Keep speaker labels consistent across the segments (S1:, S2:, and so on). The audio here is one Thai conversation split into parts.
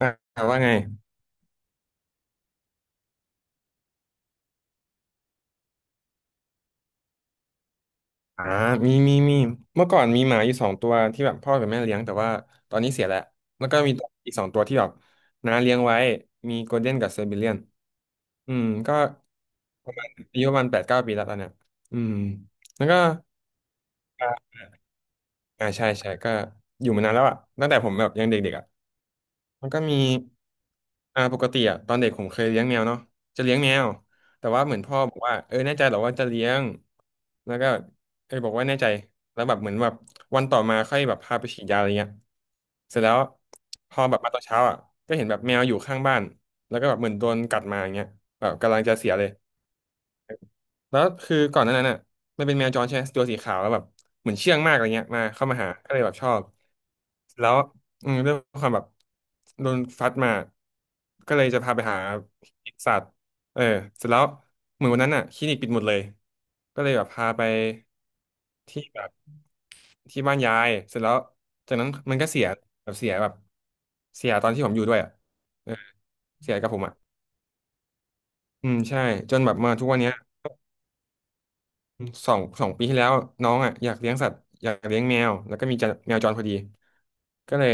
S1: อ่าว่าไงอ่ามีมีมีเมื่อก่อนมีหมาอยู่สองตัวที่แบบพ่อกับแม่เลี้ยงแต่ว่าตอนนี้เสียแล้ว แล้วก็มีอีกสองตัวที่แบบน้าเลี้ยงไว้มีโกลเด้นกับเซอร์เบเลียนอืมก็ประมาณอายุประมาณแปดเก้าปีแล้วตอนเนี้ยอืมแล้วก็อ่าอ่าใช่ใช่ก็อยู่มานานแล้วอ่ะตั้งแต่ผมแบบยังเด็กๆอ่ะ มันก็มีปกติอะตอนเด็กผมเคยเลี้ยงแมวเนาะจะเลี้ยงแมวแต่ว่าเหมือนพ่อบอกว่าเออแน่ใจเหรอว่าจะเลี้ยงแล้วก็เออบอกว่าแน่ใจแล้วแบบเหมือนแบบวันต่อมาค่อยแบบพาไปฉีดยาอะไรเงี้ยเสร็จแล้วพอแบบมาตอนเช้าอ่ะก็เห็นแบบแมวอยู่ข้างบ้านแล้วก็แบบเหมือนโดนกัดมาอย่างเงี้ยแบบกำลังจะเสียเลย แล้วคือก่อนหน้านั้นน่ะมันเป็นแมวจรใช่ไหมตัวสีขาวแล้วแบบเหมือนเชื่องมากอะไรเงี้ยมาเข้ามาหาก็เลยแบบชอบแล้วอืมด้วยความแบบโดนฟัดมาก็เลยจะพาไปหาสัตว์เออเสร็จแล้วเหมือนวันนั้นน่ะคลินิกปิดหมดเลยก็เลยแบบพาไปที่แบบที่บ้านยายเสร็จแล้วจากนั้นมันก็เสียแบบเสียแบบเสียตอนที่ผมอยู่ด้วยอ่ะเออเสียกับผมอ่ะอืมใช่จนแบบมาทุกวันเนี้ย สองสองปีที่แล้วน้องอ่ะอยากเลี้ยงสัตว์อยากเลี้ยงแมวแล้วก็มีจะแมวจรพอดีก็เลย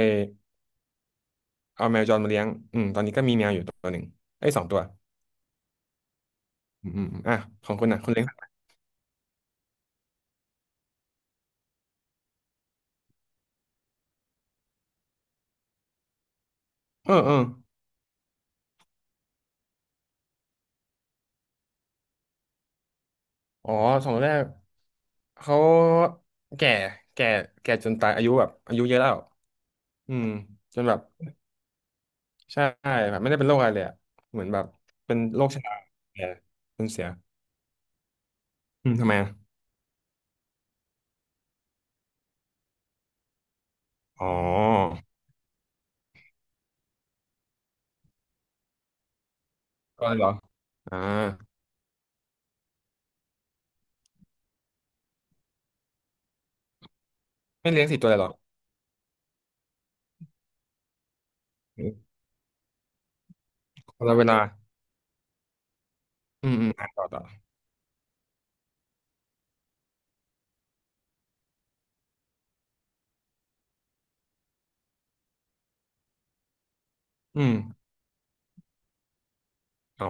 S1: เอาแมวจรมาเลี้ยงอืมตอนนี้ก็มีแมวอยู่ตัวหนึ่งไอ้ยสองตัวอืมอืมอมอ่ะของคุณอ่ะคุณเลี้ยงสัตว์เออเอออ๋อสองตัวแรกเขาแก่แก่แก่จนตายอายุแบบอายุเยอะแล้วอืมจนแบบใช่แบบไม่ได้เป็นโรคอะไรเลยอะเหมือนแบบเป็นโรคชราแก่จนเสียอืมทำไมอะอ๋อก็เลยเหรออ่าไม่เลี้ยงสี่ตัวเลยเหรอคนละเวลา อืมอืมอ่ะต่อต่ออืมอ๋อ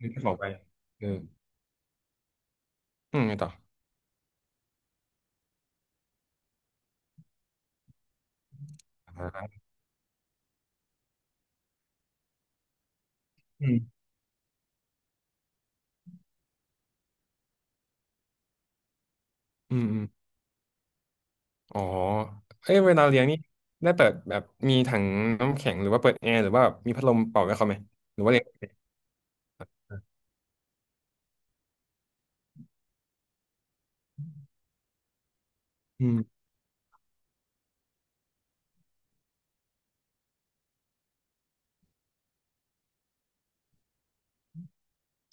S1: นี่จะบอกไปเอออืมไงต่ออ่าอืมอืมอืมอ๋อเอ้ยเวลาเลี้ยงนี่ได้เปิดแบบมีถังน้ำแข็งหรือว่าเปิดแอร์หรือว่ามีพัดลมเป่าไว้เขาไหมหรือว่าเลี้ยงอืม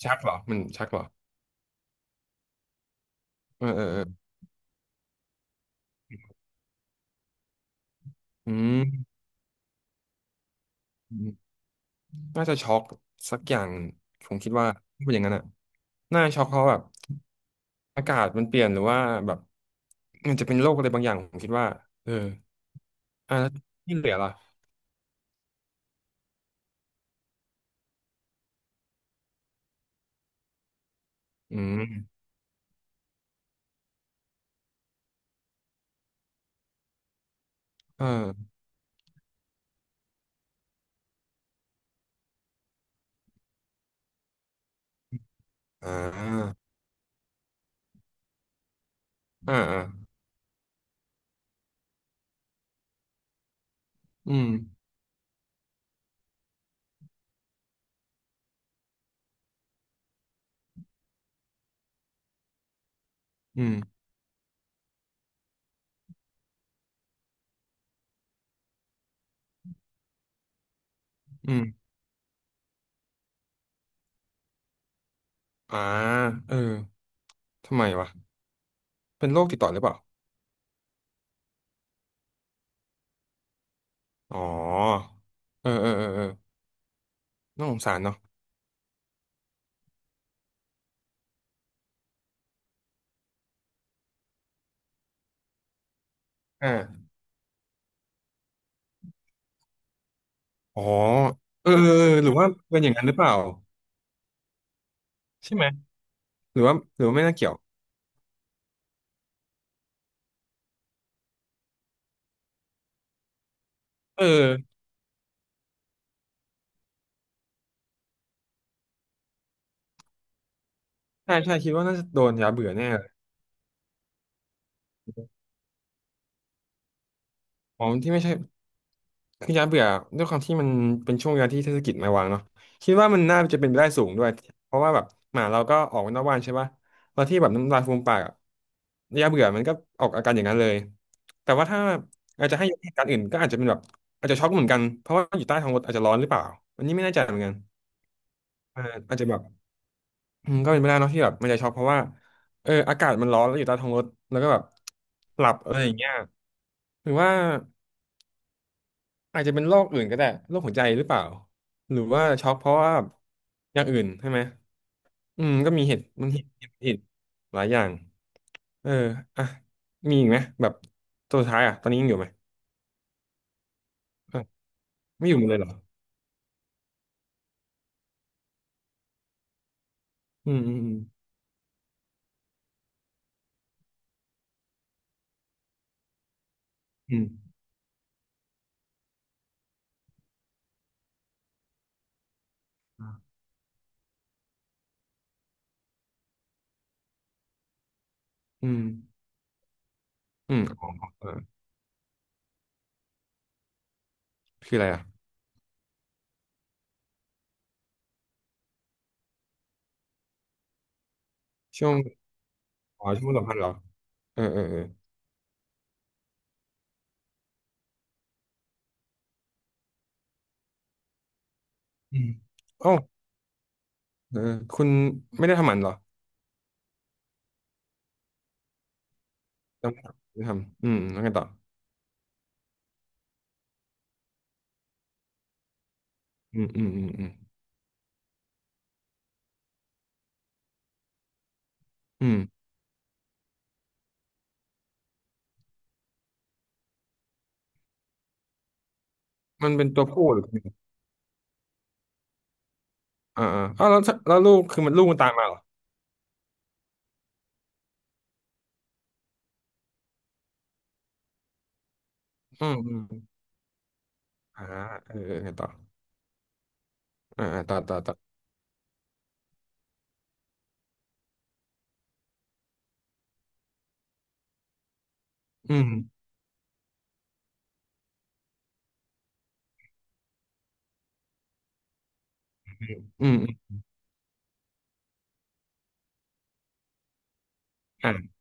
S1: ชักเหรอมันชักเหรอเออเออเอออืมอืมน่าจะช็อกสักอย่างผมคิดว่าถ้าเป็นอย่างนั้นอ่ะน่าช็อกเพราะแบบอากาศมันเปลี่ยนหรือว่าแบบมันจะเป็นโรคอะไรบางอย่างผมคิดว่าเอออ่ะแล้วที่เหลือล่ะอืม เอออ่าอ่าอ่าอืมอืมอืมอ่าเออทำไมวะเป็นโรคติดต่อหรือเปล่า อ๋อ เออเออเออเออน่าสงสารเนาะอ่าอ๋อเออเออเออหรือว่าเป็นอย่างนั้นหรือเปล่า ใช่ไหม หรือว่า หรือว่าไม่น่าเกี่ยวเออใช่ใช่ คิดว่าน่าจะโดนยาเบื่อแน่เลยอ๋อที่ไม่ใช่ คือย้ายเบื่อด้วยความที่มันเป็นช่วงเวลาที่เทศกิจมาวางเนาะคิดว่ามันน่าจะเป็นไปได้สูงด้วยเพราะว่าแบบหมาเราก็ออกนอกบ้านใช่ปะแล้วที่แบบน้ำลายฟูมปากอะยาเบื่อมันก็ออกอาการอย่างนั้นเลยแต่ว่าถ้าอาจจะให้ยกเหตุการณ์อื่นก็อาจจะเป็นแบบอาจจะช็อกเหมือนกันเพราะว่าอยู่ใต้ท้องรถอาจจะร้อนหรือเปล่าอันนี้ไม่แน่ใจเหมือนกันอ่าอาจจะแบบอืมก็เป็นไปได้เนาะที่แบบมันจะช็อกเพราะว่าเอออากาศมันร้อนแล้วอยู่ใต้ท้องรถแล้วก็แบบหลับอะไรอย่างเงี้ยหรือว่า อาจจะเป็นโรคอื่นก็ได้โรคหัวใจหรือเปล่าหรือว่าช็อกเพราะว่าอย่างอื่นใช่ไหมอืมก็มีเหตุมันเหตุเหตุเหตุหลายอย่างเอออ่ะมีอีกไหมแบบตัวสุดท้ายอ่ะตอนนี้ยังอยู่ไหมเออไม่อยู่หมดเลยเหรออืมอืมอืมอืมอืมอืมอ๋อเออคืออะไรอ่ะช่วงอ๋อช่วงสัมพันธ์เหรอเออเออเอออืมโอ้เออคุณไม่ได้ทำหมันเหรอทำไม่ได้ทำอืมแล้วไงต่ออืมอืมอืมอืมอืมมันเป็นตัวผู้หรือ อ่าอ่าอ้าวแล้วแล้วลูกคือมันลูกมันตามมาเหรออืมอืมอ่าเออเออไงต่ออ่าอ่าต่อต่อต่ออืมอืมอมอ่า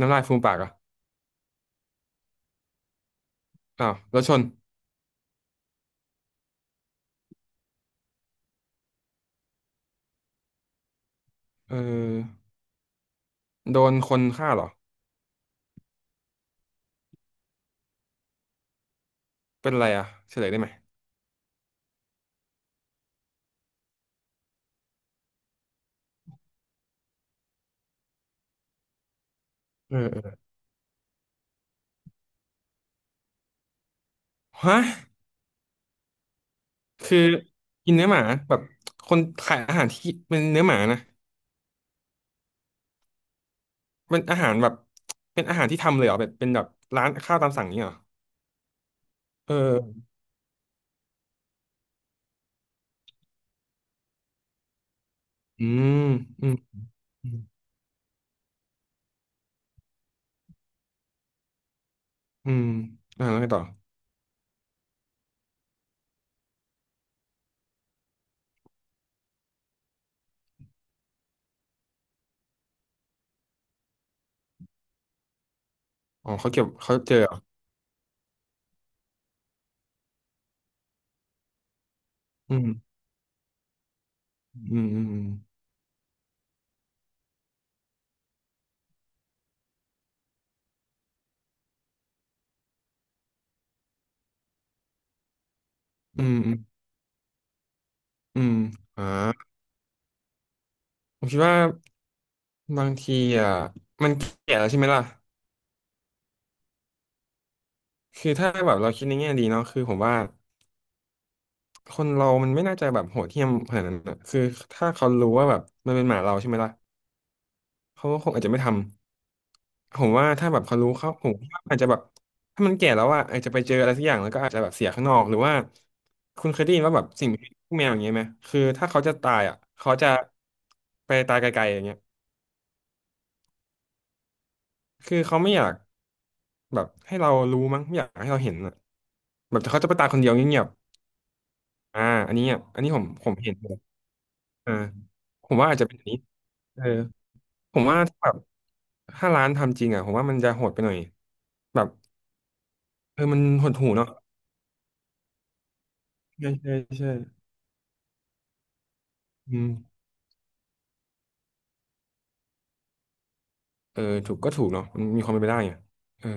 S1: น้ำลายฟูมปากเหรอ่ะอ้าวแล้วชนเออโดนคนฆ่าเหรอเป็นอะไรอ่ะเฉลยได้ไหมเออเออฮะคือกินเนื้อหมาแบบคนขายอาหารที่เป็นเนื้อหมานะเป็นอาหารแบบเป็นอาหารที่ทำเลยเหรอแบบเป็นแบบร้านข้าวตามสั่งนี้ยเหรอเอออืมอืมอืมอืมอ่าแล้วไงต่ออ๋อเขาเก็บเขาเจอเหรออืม อืมอืมอืมอืมอืมอ่าผมคิดว่าบางทีอ่ะมันเกลียดแล้วใช่ไหมล่ะคือถ้าแบบเราคิดในแง่ดีเนาะคือผมว่าคนเรามันไม่น่าจะแบบโหดเหี้ยมขนาดนั้นอะคือถ้าเขารู้ว่าแบบมันเป็นหมาเราใช่ไหมล่ะเขาก็คงอาจจะไม่ทำผมว่าถ้าแบบเขารู้เขาผมว่าอาจจะแบบถ้ามันแก่แล้วอ่ะอาจจะไปเจออะไรสักอย่างแล้วก็อาจจะแบบเสียข้างนอกหรือว่าคุณเคยได้ยินว่าแบบสิ่งมีชีวิตพวกแมวอย่างเงี้ยไหมคือถ้าเขาจะตายอ่ะเขาจะไปตายไกลๆอย่างเงี้ยคือเขาไม่อยาก แบบให้เรารู้มั้งไม่อยากให้เราเห็นอ่ะแบบเขาจะไปตายคนเดียวเงียบๆอ่าอันนี้อ่ะอันนี้ผมผมเห็นเลยอ่าผมว่าอาจจะเป็นอย่างนี้เออผมว่าถ้าแบบถ้าร้านทำจริงอ่ะผมว่ามันจะโหดไปหน่อยแบบเออมันหดหู่เนาะใช่ใช่ใช่อืมเออถูกก็ถูกเนาะมันมีความเป็นไปได้ไงเออ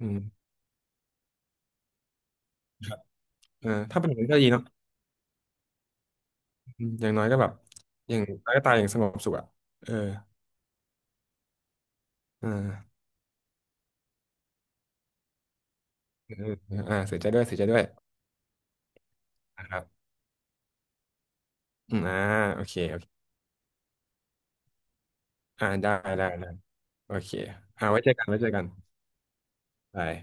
S1: อืมครับเออถ้าเป็นอย่างนั้นก็ดีเนาะอืมอย่างน้อยก็แบบอย่างน้อยก็ตายอย่างสงบสุขอ่ะเอออ่าเออเอออ่าเสียใจด้วยเสียใจด้วยนะครับอืมอ่าโอเคโอเค อ่าได้ได้ได้โอเคอ่าไว้เจอกันไว้เจอกันบาย